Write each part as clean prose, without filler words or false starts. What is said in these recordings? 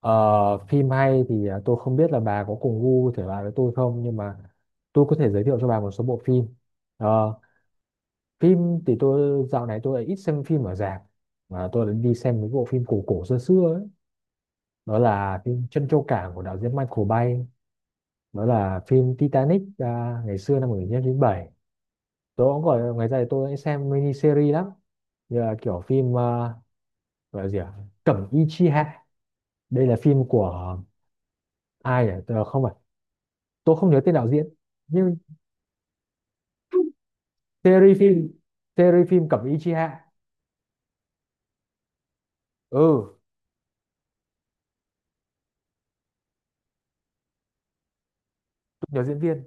Ờ, phim hay thì tôi không biết là bà có cùng gu thể loại với tôi không, nhưng mà tôi có thể giới thiệu cho bà một số bộ phim. Ờ, phim thì tôi dạo này tôi lại ít xem phim ở rạp, mà tôi lại đi xem mấy bộ phim cổ cổ xưa xưa ấy. Đó là phim Trân Châu Cảng của đạo diễn Michael Bay, đó là phim Titanic ngày xưa năm 1997. Tôi cũng gọi ngày ra thì tôi hay xem mini series lắm. Như là kiểu phim gọi là gì ạ? Cẩm Y Chi Hạ. Đây là phim của ai nhỉ? Ờ, Không phải, tôi không nhớ tên đạo diễn, nhưng series phim series phim Cẩm Ý Chi Hạ. Ừ, tôi nhớ diễn viên.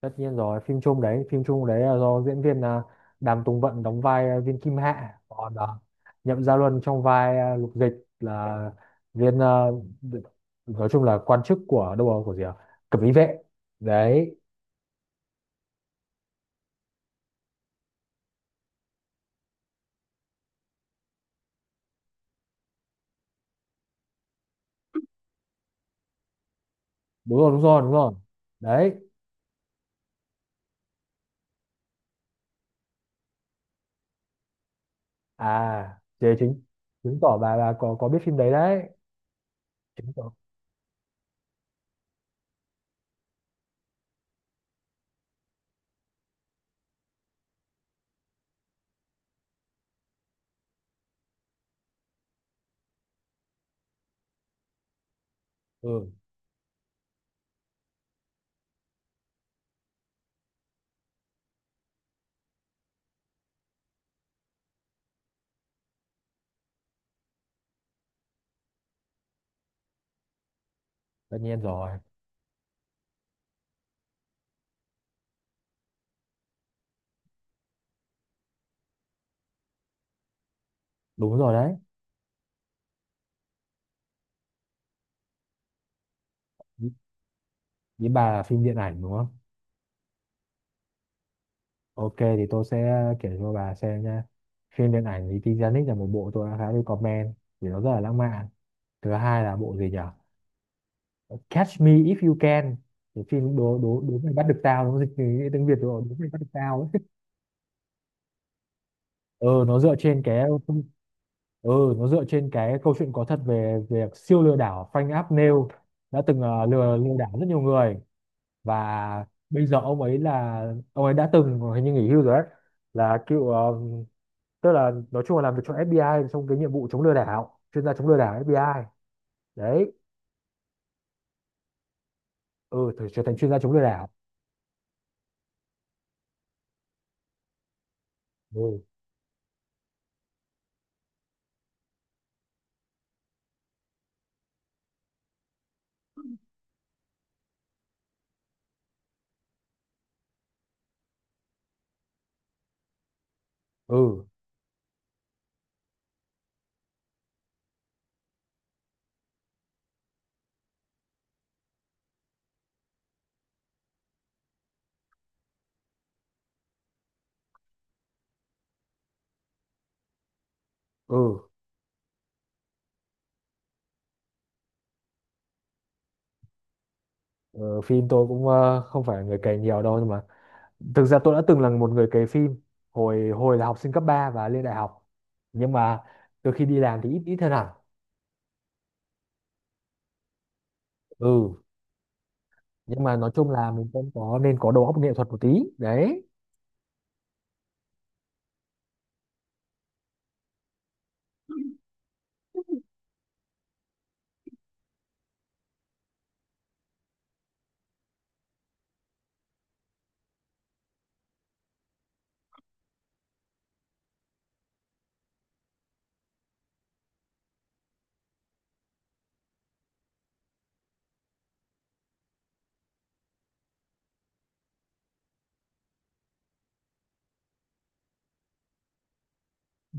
Tất nhiên rồi, phim chung đấy là do diễn viên Đàm Tùng Vận đóng vai viên Kim Hạ, còn Nhậm Gia Luân trong vai Lục Dịch là viên nói chung là quan chức của đâu rồi, của gì à? Cẩm Ý vệ đấy. Đúng rồi, đúng rồi, đúng rồi đấy. À, thế chính, chứng tỏ bà có biết phim đấy đấy, chứng tỏ. Ừ, tất nhiên rồi, đúng rồi đấy. Ý bà là phim điện ảnh đúng không? Ok, thì tôi sẽ kể cho bà xem nha. Phim điện ảnh thì Titanic là một bộ tôi đã khá recommend, vì nó rất là lãng mạn. Thứ hai là bộ gì nhỉ? Catch Me If You Can. Cái phim đố đố đố mày bắt được tao, nó dịch từ tiếng Việt rồi, đố mày bắt được tao ấy. Ừ, nó dựa trên cái, câu chuyện có thật về việc siêu lừa đảo Frank Abagnale đã từng lừa lừa đảo rất nhiều người, và bây giờ ông ấy là, ông ấy đã từng hình như nghỉ hưu rồi đấy, là cựu tức là nói chung là làm việc cho FBI trong cái nhiệm vụ chống lừa đảo, chuyên gia chống lừa đảo FBI đấy. Ừ, thử trở thành chuyên gia chống lừa đảo. Ừ, ừ, ừ. Ờ, phim tôi cũng không phải người cày nhiều đâu, nhưng mà thực ra tôi đã từng là một người cày phim hồi hồi là học sinh cấp 3 và lên đại học, nhưng mà từ khi đi làm thì ít ít hơn hẳn. Ừ, nhưng mà nói chung là mình cũng có nên có đầu óc nghệ thuật một tí đấy.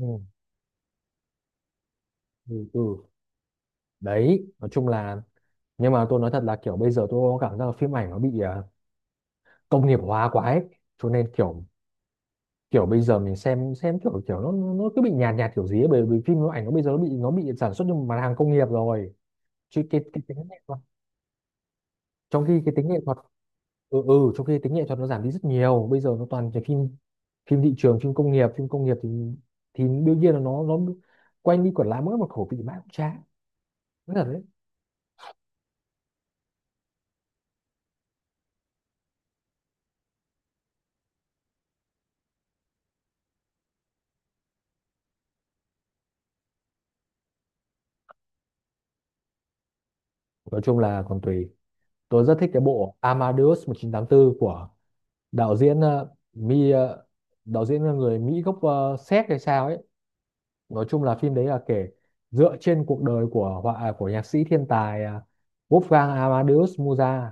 Ừ. Ừ, ừ. Đấy nói chung là, nhưng mà tôi nói thật là kiểu bây giờ tôi có cảm giác là phim ảnh nó bị công nghiệp hóa quá ấy, cho nên kiểu kiểu bây giờ mình xem kiểu, nó cứ bị nhạt nhạt kiểu gì ấy, bởi vì phim nó, ảnh nó bây giờ nó bị sản xuất như một mặt hàng công nghiệp rồi, chứ cái, tính nghệ thuật, trong khi cái tính nghệ thuật. Ừ, ừ, trong khi tính nghệ thuật nó giảm đi rất nhiều, bây giờ nó toàn cái phim, phim thị trường, phim công nghiệp thì, đương nhiên là nó quanh đi quẩn lại mỗi một khẩu vị mãi cũng chán. Rất là đấy. Nói chung là còn tùy. Tôi rất thích cái bộ Amadeus 1984 của đạo diễn, đạo diễn là người Mỹ gốc Séc hay sao ấy. Nói chung là phim đấy là kể dựa trên cuộc đời của của nhạc sĩ thiên tài Wolfgang Amadeus Mozart.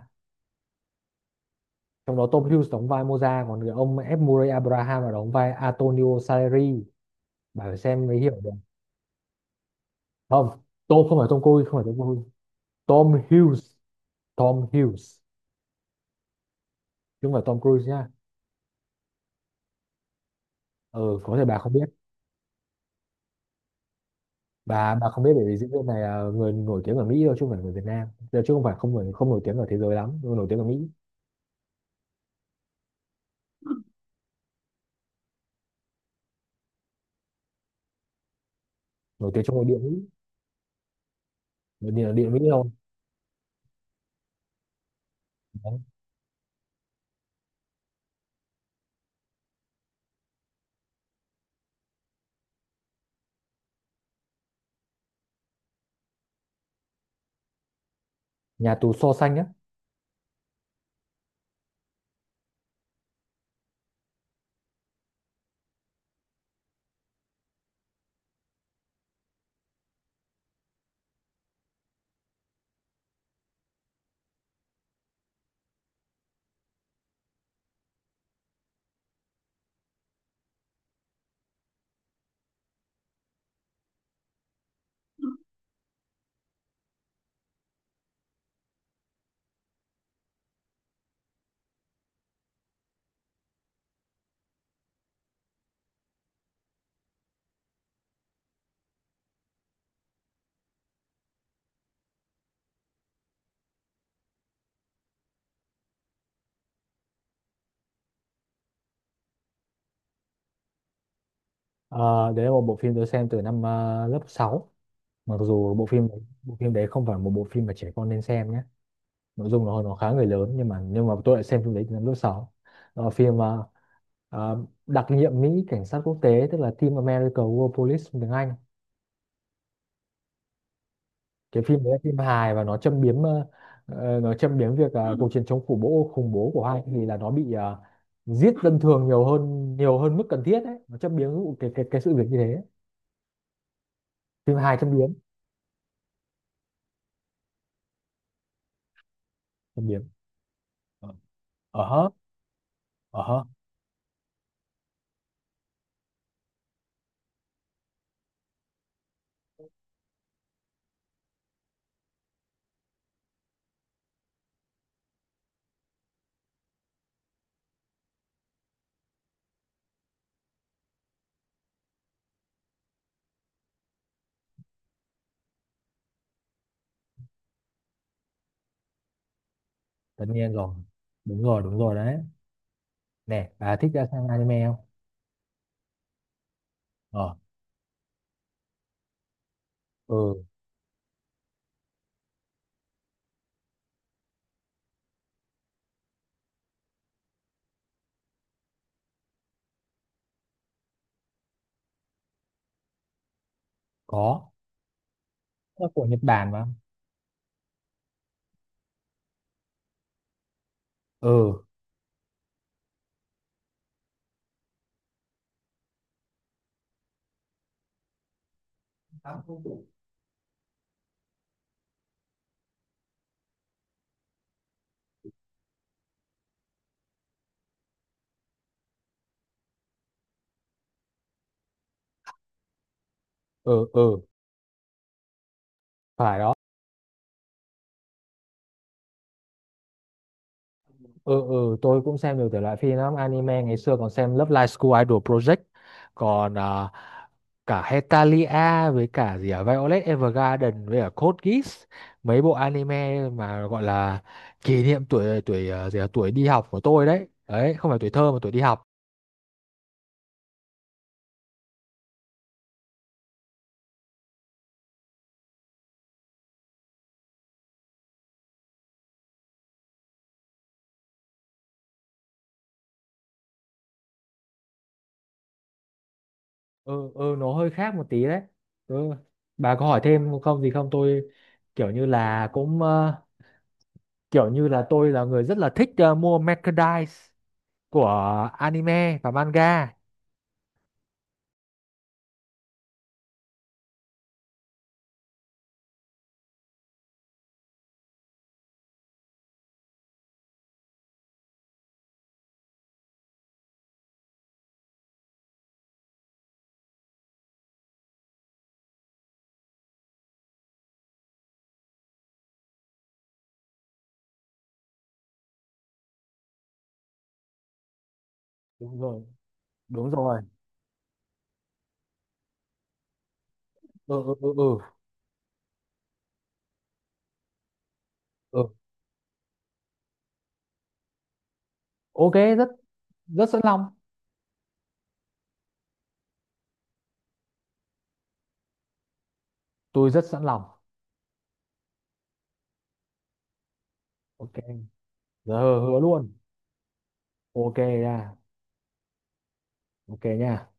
Trong đó Tom Hughes đóng vai Mozart, còn người ông F. Murray Abraham là đóng vai Antonio Salieri. Bà phải xem mới hiểu được. Không, Tom không phải Tom Cruise, không phải Tom Cruise. Tom Hughes, Tom Hughes, chứ không phải Tom Cruise nhá. Ừ, có thể bà không biết. Bà không biết bởi vì diễn viên này là người nổi tiếng ở Mỹ thôi, chứ không phải người Việt Nam. Giờ chứ không phải, không nổi tiếng ở thế giới lắm, nhưng mà nổi tiếng ở Mỹ, nổi tiếng trong nội địa Mỹ. Nội địa Mỹ thôi đấy. Nhà tù xô Xanh á. Ờ, đấy là một bộ phim tôi xem từ năm lớp sáu, mặc dù bộ phim, đấy không phải một bộ phim mà trẻ con nên xem nhé, nội dung nó khá người lớn, nhưng mà tôi lại xem phim đấy từ năm lớp sáu. Ờ, phim đặc nhiệm Mỹ cảnh sát quốc tế, tức là Team America World Police tiếng Anh. Cái phim đấy là phim hài và nó châm biếm, nó châm biếm việc cuộc chiến chống khủng bố, của hoa thì là nó bị giết dân thường, nhiều hơn mức cần thiết đấy, nó châm biếm vụ cái sự việc như thế. Phim hài châm biếm, châm biếm. Ờ, ờ hớ, ờ hớ. Tất nhiên rồi, đúng rồi, đúng rồi đấy. Nè, bà thích ra xem anime không? Ờ, ừ, có, nó của Nhật Bản mà. Ừ, ừ, ừ, phải rồi. Ừ, ừ, tôi cũng xem nhiều thể loại phim lắm, anime ngày xưa còn xem Love Live School Idol Project, còn cả Hetalia với cả gì Violet Evergarden với cả Code Geass, mấy bộ anime mà gọi là kỷ niệm tuổi tuổi tuổi đi học của tôi đấy, đấy không phải tuổi thơ mà tuổi đi học. Ừ, ừ, nó hơi khác một tí đấy. Ừ. Bà có hỏi thêm không, gì không? Tôi kiểu như là cũng kiểu như là tôi là người rất là thích mua merchandise của anime và manga. Đúng rồi, đúng rồi. Ừ, ừ, ừ, ừ, ừ. Ok, rất, rất sẵn lòng tôi rất sẵn lòng. Ok. Giờ hứa hứa luôn. Ok nha. Ok nha.